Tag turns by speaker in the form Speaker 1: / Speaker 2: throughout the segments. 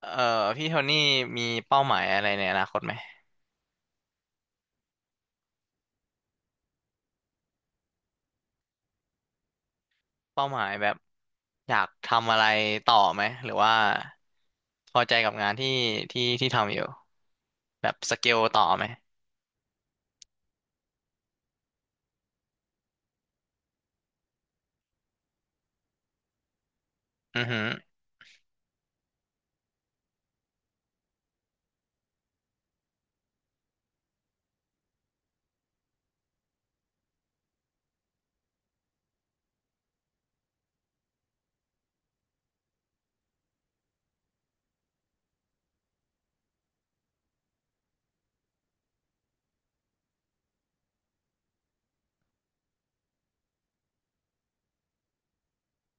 Speaker 1: เอ่อพี่โทนี่มีเป้าหมายอะไรในอนาคตไหมเป้าหมายแบบอยากทำอะไรต่อไหมหรือว่าพอใจกับงานที่ทำอยู่แบบสเกลต่อไหมอือหือ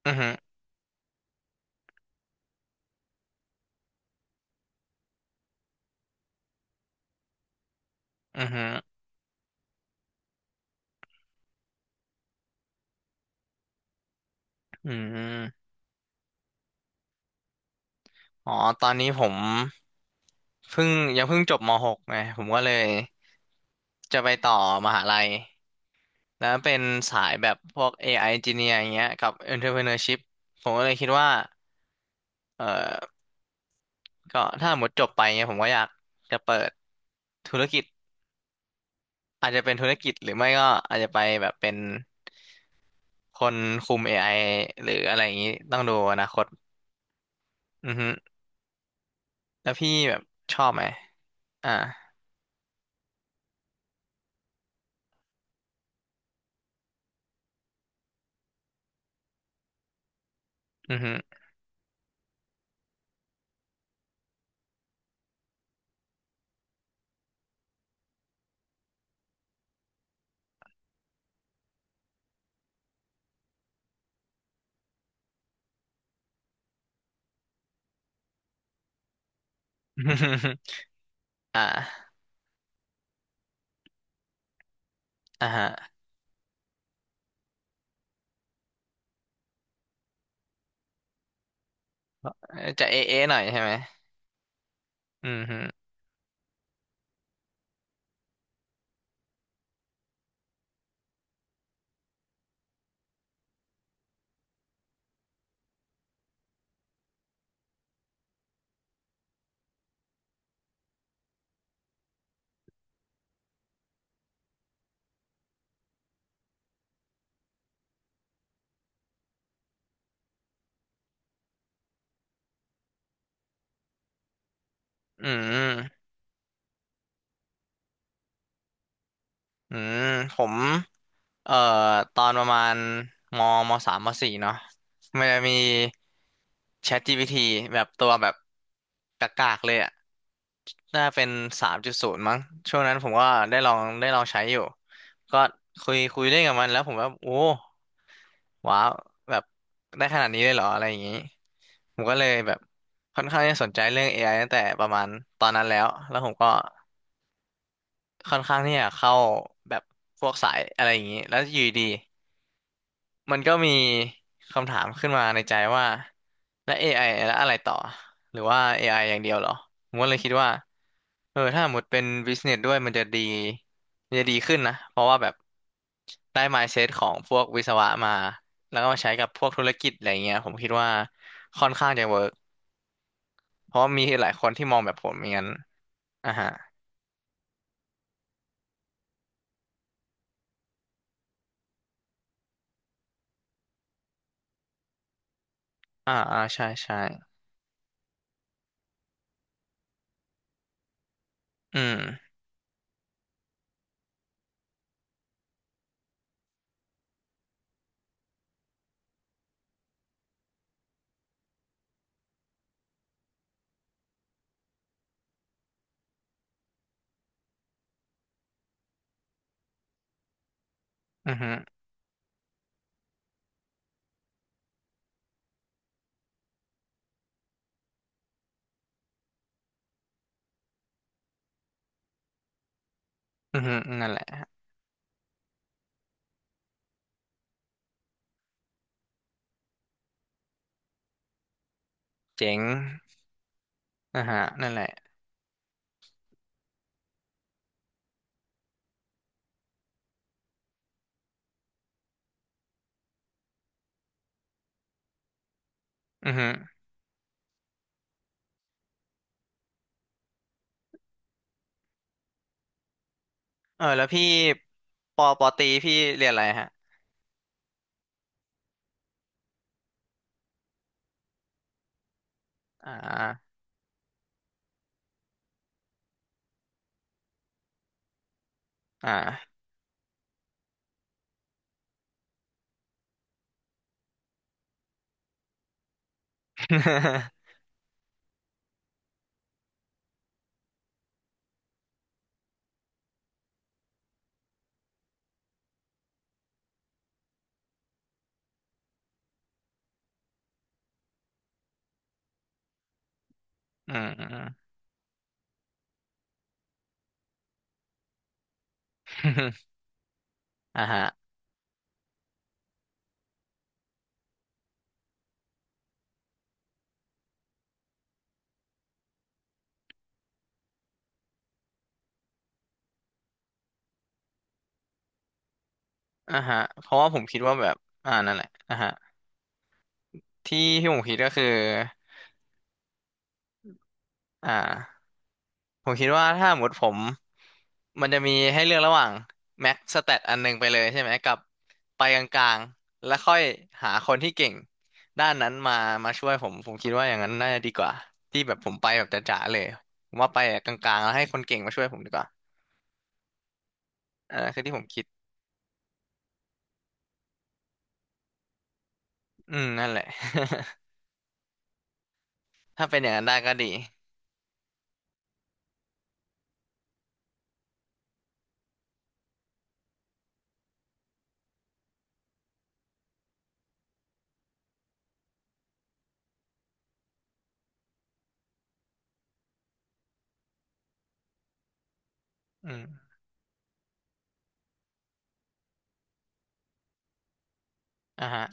Speaker 1: อือหืออือหืออืมอ๋อตอนนี้ผมเพิ่งเพิ่งจบมหกไงผมก็เลยจะไปต่อมหาลัยแล้วเป็นสายแบบพวก AI Engineer อย่างเงี้ยกับ Entrepreneurship ผมก็เลยคิดว่าเอ่อ ก็ถ้าหมดจบไปเนี่ยผมก็อยากจะเปิดธุรกิจอาจจะเป็นธุรกิจหรือไม่ก็อาจจะไปแบบเป็นคนคุม AI หรืออะไรอย่างนี้ต้องดูอนาคตอือฮึแล้วพี่แบบชอบไหมอ่าอือฮึ อ่า อ่าฮะจะเอเอหน่อยใช่ไหมอือฮึอืมอืมผมเอ่อตอนประมาณมมสามมสี่เนาะมันจะมี ChatGPT แบบตัวแบบกากๆเลยอะ น่าเป็น3.0มั้งช่วงนั้นผมก็ได้ลองใช้อยู่ก็คุยเล่นกับมันแล้วผมว่าโอ้ว้าวแบบได้ขนาดนี้เลยเหรออะไรอย่างนี้ผมก็เลยแบบค่อนข้างที่จะสนใจเรื่อง AI ตั้งแต่ประมาณตอนนั้นแล้วผมก็ค่อนข้างที่จะเข้าแบบพวกสายอะไรอย่างนี้แล้วอยู่ดี มันก็มีคำถามขึ้นมาในใจว่าแล้ว AI แล้วอะไรต่อหรือว่า AI อไออย่างเดียวเหรอผมก็เลยคิดว่าเออถ้าหมดเป็น business ด้วยมันจะดีมันจะดีขึ้นนะเพราะว่าแบบได้ mindset ของพวกวิศวะมาแล้วก็มาใช้กับพวกธุรกิจอะไรเงี้ยผมคิดว่าค่อนข้างจะเวิร์กเพราะว่ามีหลายคนที่มองแบบผมอย่างนั้นอ่าฮะอ่าอ่าใช่ใช่อืมอือฮึอือฮึอือนั่นแหละเจ๋งอ่าฮะนั่นแหละอือฮึ เออแล้วพี่ปอตรีพี่เรียนอะไรฮะอ่าอ่า อืมอืมอืม อ่าฮะอ่าฮะเพราะว่าผมคิดว่าแบบอ่านั่นแหละอ่าฮะที่ผมคิดก็คืออ่าผมคิดว่าถ้าหมดผมมันจะมีให้เลือกระหว่างแม็กสแตทอันหนึงไปเลยใช่ไหมกับไปกลางๆแล้วค่อยหาคนที่เก่งด้านนั้นมาช่วยผมผมคิดว่าอย่างนั้นน่าจะดีกว่าที่แบบผมไปแบบจ๋าๆเลยผมว่าไปกลางๆแล้วให้คนเก่งมาช่วยผมดีกว่า อันนั้นคือที่ผมคิดอืมนั่นแหละ ถ้าเป็นอย่างนั้นได้ก็ดีอืมอ่ะฮะ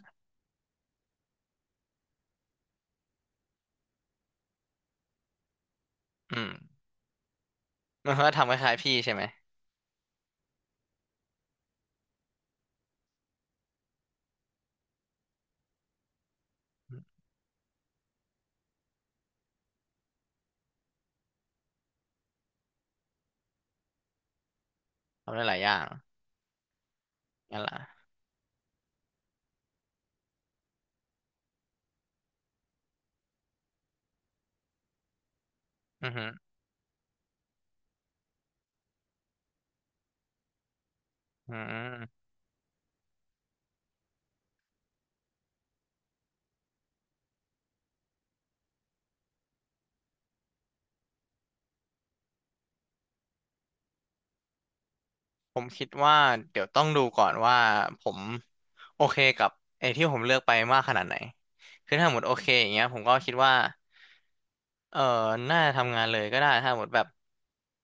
Speaker 1: อืมมันก็ทำคล้ายๆพี่ใช่ไหมอืมทำได้หลายอย่างงั้นล่ะอือฮึอืมผมคิดว่าเดี๋ยวต้องดูก่อนว่าผมโอเคกับไอ้ที่ผมเลือกไปมากขนาดไหนคือถ้าหมดโอเคอย่างเงี้ยผมก็คิดว่าเออน่าจะทำงานเลยก็ได้ถ้าหมดแบบ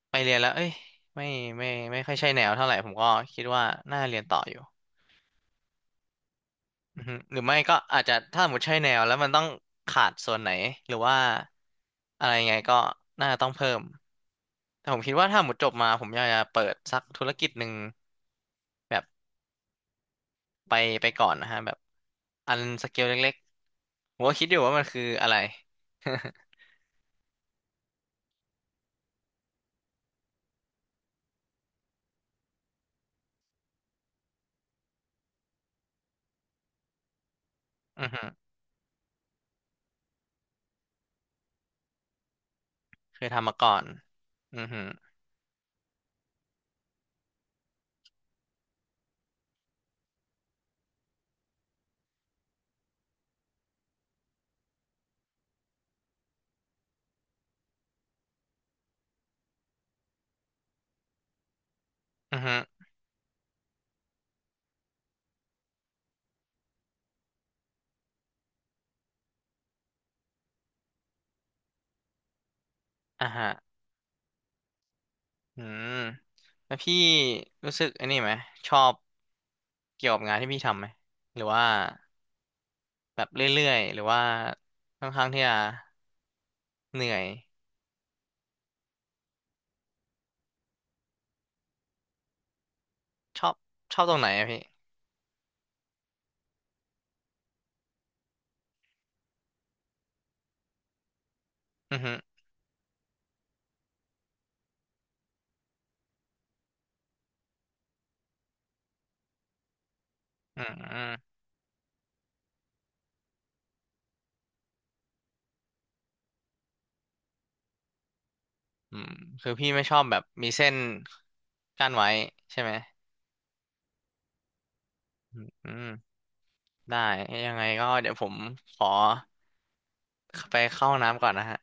Speaker 1: ไปเรียนแล้วเอ้ยไม่ไม่ไม่ค่อยใช่แนวเท่าไหร่ผมก็คิดว่าน่าเรียนต่ออยู่ อือฮึหรือไม่ก็อาจจะถ้าสมมติใช่แนวแล้วมันต้องขาดส่วนไหนหรือว่าอะไรยังไงก็น่าจะต้องเพิ่มแต่ผมคิดว่าถ้าหมดจบมาผมอยากจะเปิดสักธุรกิจหนึ่งแบบไปไปก่อนนะฮะแบบอันสเกลเล็กๆผมก็คิดอยู่ว่ามันคืออะไรอือฮึเคยทำมาก่อนอือฮึอือฮึอ่ะฮะอืมแล้วพี่รู้สึกอันนี้ไหมชอบเกี่ยวกับงานที่พี่ทำไหมหรือว่าแบบเรื่อยๆหรือว่าค่อนข้างที่จะ เหนื่อยชอบชอบตรงไหนอะพี่อือฮึอืมอืมอืมคือพี่ไม่ชอบแบบมีเส้นกั้นไว้ใช่ไหมอืมได้ยังไงก็เดี๋ยวผมขอไปเข้าห้องน้ำก่อนนะฮะ